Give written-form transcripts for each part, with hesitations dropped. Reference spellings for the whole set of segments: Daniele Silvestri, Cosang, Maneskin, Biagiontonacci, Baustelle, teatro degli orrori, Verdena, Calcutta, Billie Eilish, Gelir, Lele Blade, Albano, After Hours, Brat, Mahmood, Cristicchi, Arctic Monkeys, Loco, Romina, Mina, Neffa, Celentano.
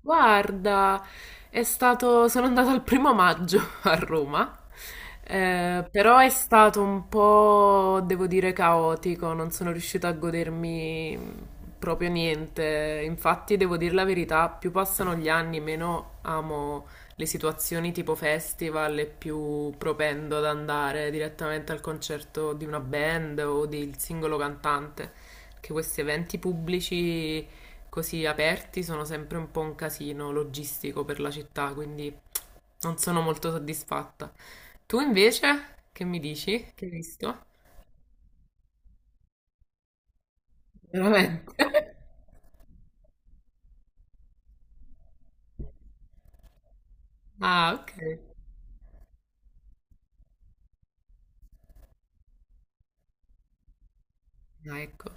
Guarda, è stato, sono andata il primo maggio a Roma, però è stato un po', devo dire, caotico, non sono riuscita a godermi proprio niente. Infatti, devo dire la verità, più passano gli anni, meno amo le situazioni tipo festival e più propendo ad andare direttamente al concerto di una band o del singolo cantante, che questi eventi pubblici così aperti sono sempre un po' un casino logistico per la città, quindi non sono molto soddisfatta. Tu invece, che mi dici? Che hai visto? Veramente? Ah, ok. Ah, ecco.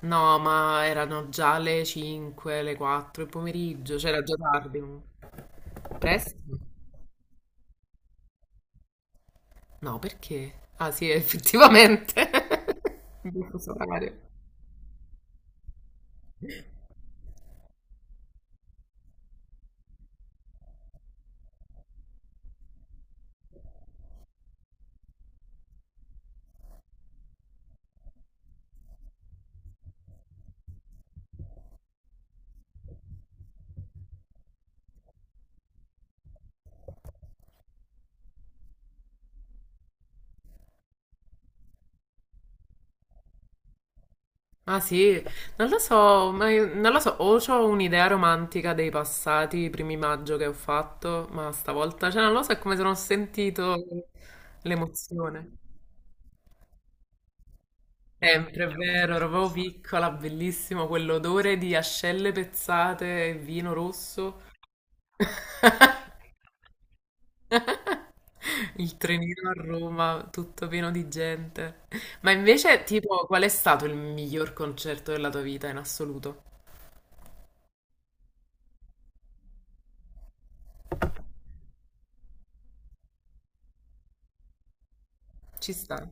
No, ma erano già le 5, le 4 del pomeriggio, c'era già tardi. Presto? No, perché? Ah, sì, effettivamente. Fuso orario. Ah sì, non lo so, ma non lo so, o ho un'idea romantica dei passati primi maggio che ho fatto, ma stavolta, cioè non lo so, è come se non ho sentito l'emozione. Sempre, è vero, ero proprio piccola, bellissimo, quell'odore di ascelle pezzate e vino rosso, il trenino a Roma, tutto pieno di gente. Ma invece, tipo, qual è stato il miglior concerto della tua vita in assoluto? Ci sta,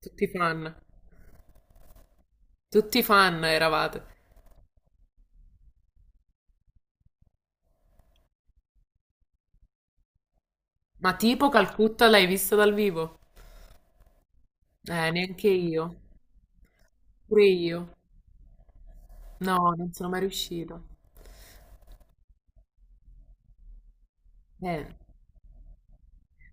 tutti fan. Tutti fan eravate. Ma tipo Calcutta l'hai vista dal vivo? Neanche io. Pure io. No, non sono mai riuscita. Eh,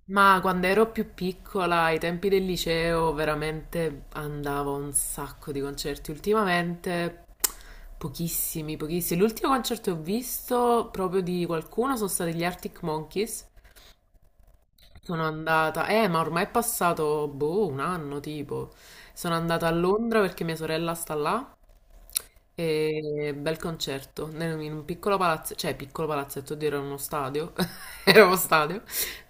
ma quando ero più piccola, ai tempi del liceo, veramente andavo a un sacco di concerti. Ultimamente pochissimi, pochissimi. L'ultimo concerto che ho visto proprio di qualcuno sono stati gli Arctic Monkeys. Sono andata, ma ormai è passato, boh, un anno tipo. Sono andata a Londra perché mia sorella sta là. E bel concerto in un piccolo palazzo, cioè piccolo palazzetto, oddio, era uno stadio, era uno stadio,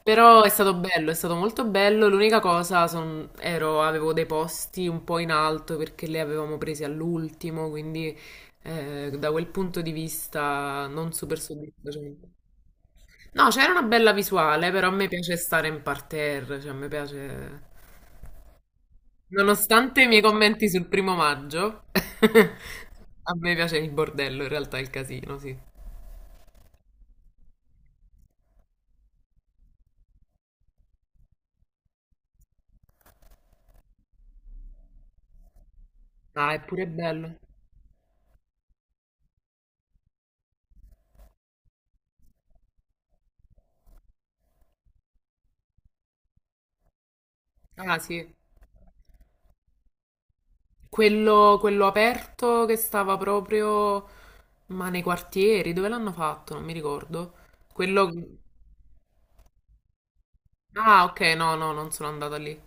però è stato bello, è stato molto bello. L'unica cosa, avevo dei posti un po' in alto perché li avevamo presi all'ultimo, quindi da quel punto di vista non super soddisfacente. No, c'era una bella visuale, però a me piace stare in parterre, cioè a me piace. Nonostante i miei commenti sul primo maggio, a me piace il bordello, in realtà il casino, sì. Ah, è pure bello. Ah, sì. Quello aperto che stava proprio, ma nei quartieri, dove l'hanno fatto? Non mi ricordo. Quello... Ah, ok, no, no, non sono andata lì.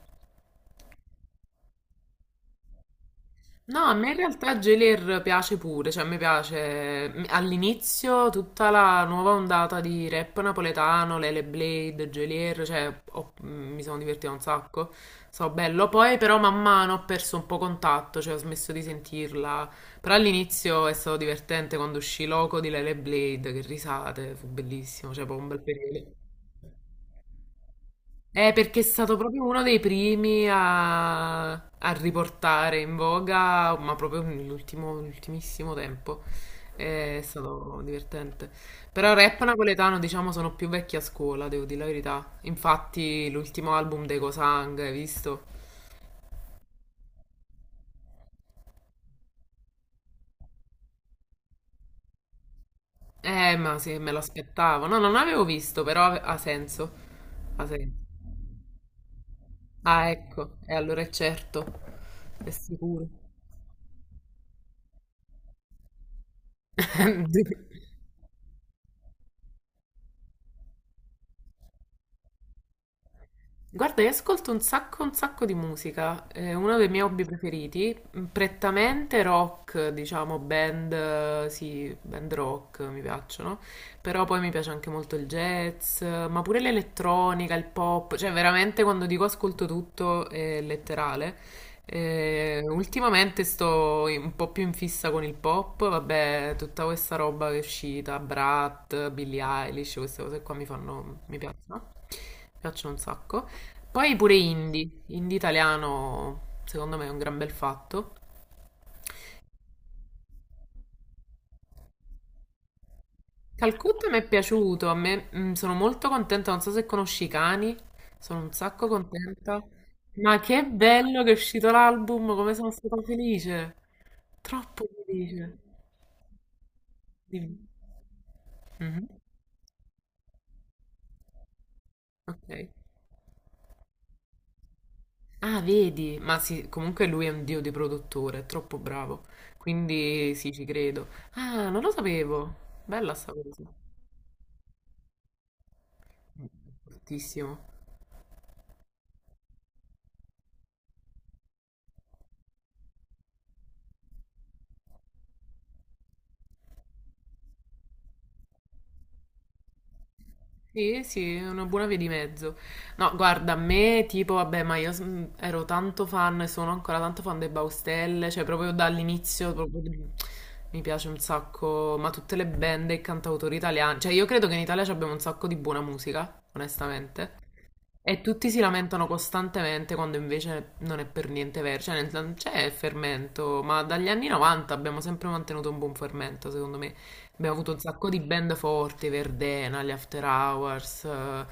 No, a me in realtà Gelir piace pure, cioè a me piace all'inizio tutta la nuova ondata di rap napoletano, Lele Blade, Gelir, cioè mi sono divertita un sacco, so bello, poi però man mano ho perso un po' contatto, cioè ho smesso di sentirla, però all'inizio è stato divertente quando uscì Loco di Lele Blade, che risate, fu bellissimo, cioè proprio un bel periodo. Perché è stato proprio uno dei primi a riportare in voga, ma proprio nell'ultimo, nell'ultimissimo tempo. È stato divertente. Però rap napoletano, diciamo, sono più vecchi a scuola, devo dire la verità. Infatti, l'ultimo album dei Cosang, hai visto? Ma sì, me l'aspettavo. No, non l'avevo visto, però ha senso. Ha senso. Ah, ecco, e allora è certo, è sicuro. Guarda, io ascolto un sacco di musica, è uno dei miei hobby preferiti, prettamente rock, diciamo, band, sì, band rock mi piacciono, però poi mi piace anche molto il jazz, ma pure l'elettronica, il pop, cioè veramente quando dico ascolto tutto è letterale. Ultimamente sto un po' più in fissa con il pop, vabbè, tutta questa roba che è uscita, Brat, Billie Eilish, queste cose qua mi fanno, mi piacciono un sacco. Poi pure indie, indie italiano, secondo me è un gran bel fatto. Calcutta mi è piaciuto, a me sono molto contenta, non so se conosci i cani, sono un sacco contenta. Ma che bello che è uscito l'album, come sono stata felice, troppo felice. Dimmi. Mhm. Ok. Ah, vedi, ma sì, comunque lui è un dio di produttore, è troppo bravo, quindi sì, ci credo. Ah, non lo sapevo, bella sta cosa. Bruttissimo. Sì, sì, è una buona via di mezzo. No, guarda, a me tipo, vabbè, ma io ero tanto fan e sono ancora tanto fan dei Baustelle, cioè proprio dall'inizio proprio mi piace un sacco, ma tutte le band e i cantautori italiani, cioè io credo che in Italia ci abbiamo un sacco di buona musica, onestamente. E tutti si lamentano costantemente quando invece non è per niente vero, cioè non c'è fermento, ma dagli anni 90 abbiamo sempre mantenuto un buon fermento, secondo me. Abbiamo avuto un sacco di band forti, Verdena, gli After Hours,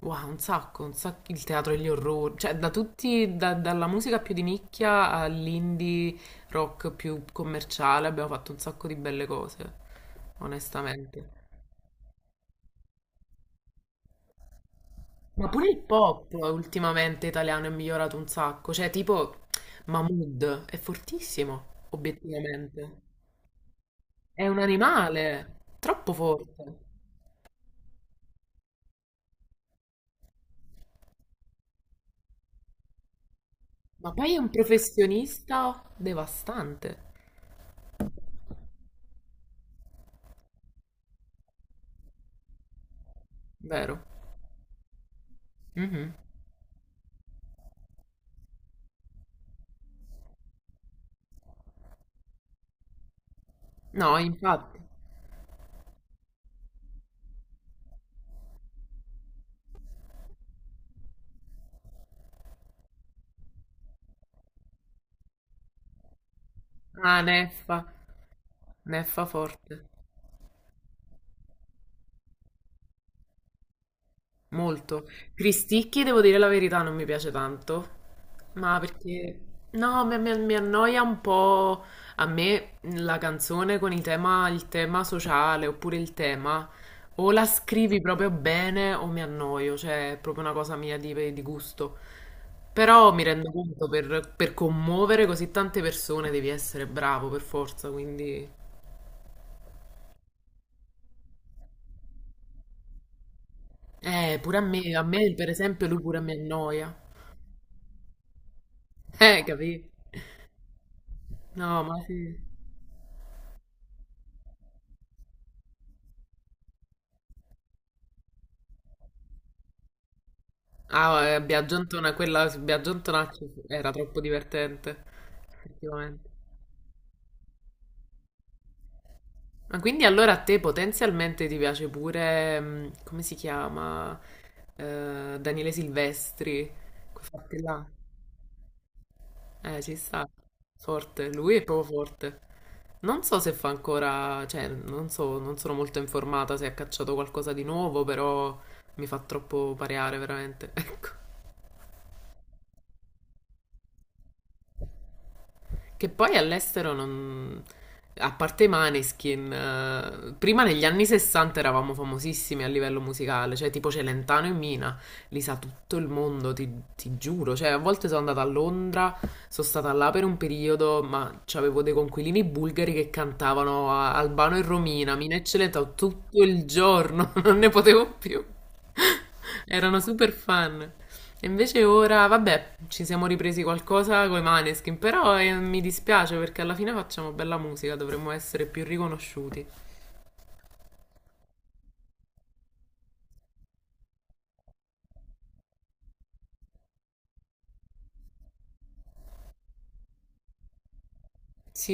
wow, un sacco, il teatro degli orrori, cioè da tutti, dalla musica più di nicchia all'indie rock più commerciale abbiamo fatto un sacco di belle cose, onestamente. Ma pure il pop ultimamente italiano è migliorato un sacco, cioè tipo Mahmood è fortissimo, obiettivamente. È un animale, troppo forte, ma poi è un professionista devastante, vero? Mhm. No, infatti. Ah, Neffa, Neffa forte. Molto. Cristicchi, devo dire la verità, non mi piace tanto, ma perché... No, mi annoia un po' a me la canzone con il tema sociale oppure il tema, o la scrivi proprio bene o mi annoio, cioè è proprio una cosa mia di, gusto. Però mi rendo conto, per commuovere così tante persone devi essere bravo per forza, quindi... pure a me per esempio lui pure mi annoia. Capì? No, ma sì. Ah, Biagiontona, quella su Biagiontonacci era troppo divertente, effettivamente. Ma quindi allora a te potenzialmente ti piace pure, come si chiama, Daniele Silvestri, quel fatto là. Ci sta, forte, lui è proprio forte. Non so se fa ancora, cioè, non so, non sono molto informata se ha cacciato qualcosa di nuovo, però mi fa troppo pareare, veramente, ecco. Che poi all'estero non... A parte i Maneskin, prima negli anni 60 eravamo famosissimi a livello musicale, cioè tipo Celentano e Mina, li sa tutto il mondo, ti giuro. Cioè, a volte sono andata a Londra, sono stata là per un periodo, ma avevo dei conquilini bulgari che cantavano Albano e Romina, Mina e Celentano tutto il giorno, non ne potevo più. Erano super fan. E invece ora, vabbè, ci siamo ripresi qualcosa con i Maneskin, però mi dispiace perché alla fine facciamo bella musica, dovremmo essere più riconosciuti. Sì,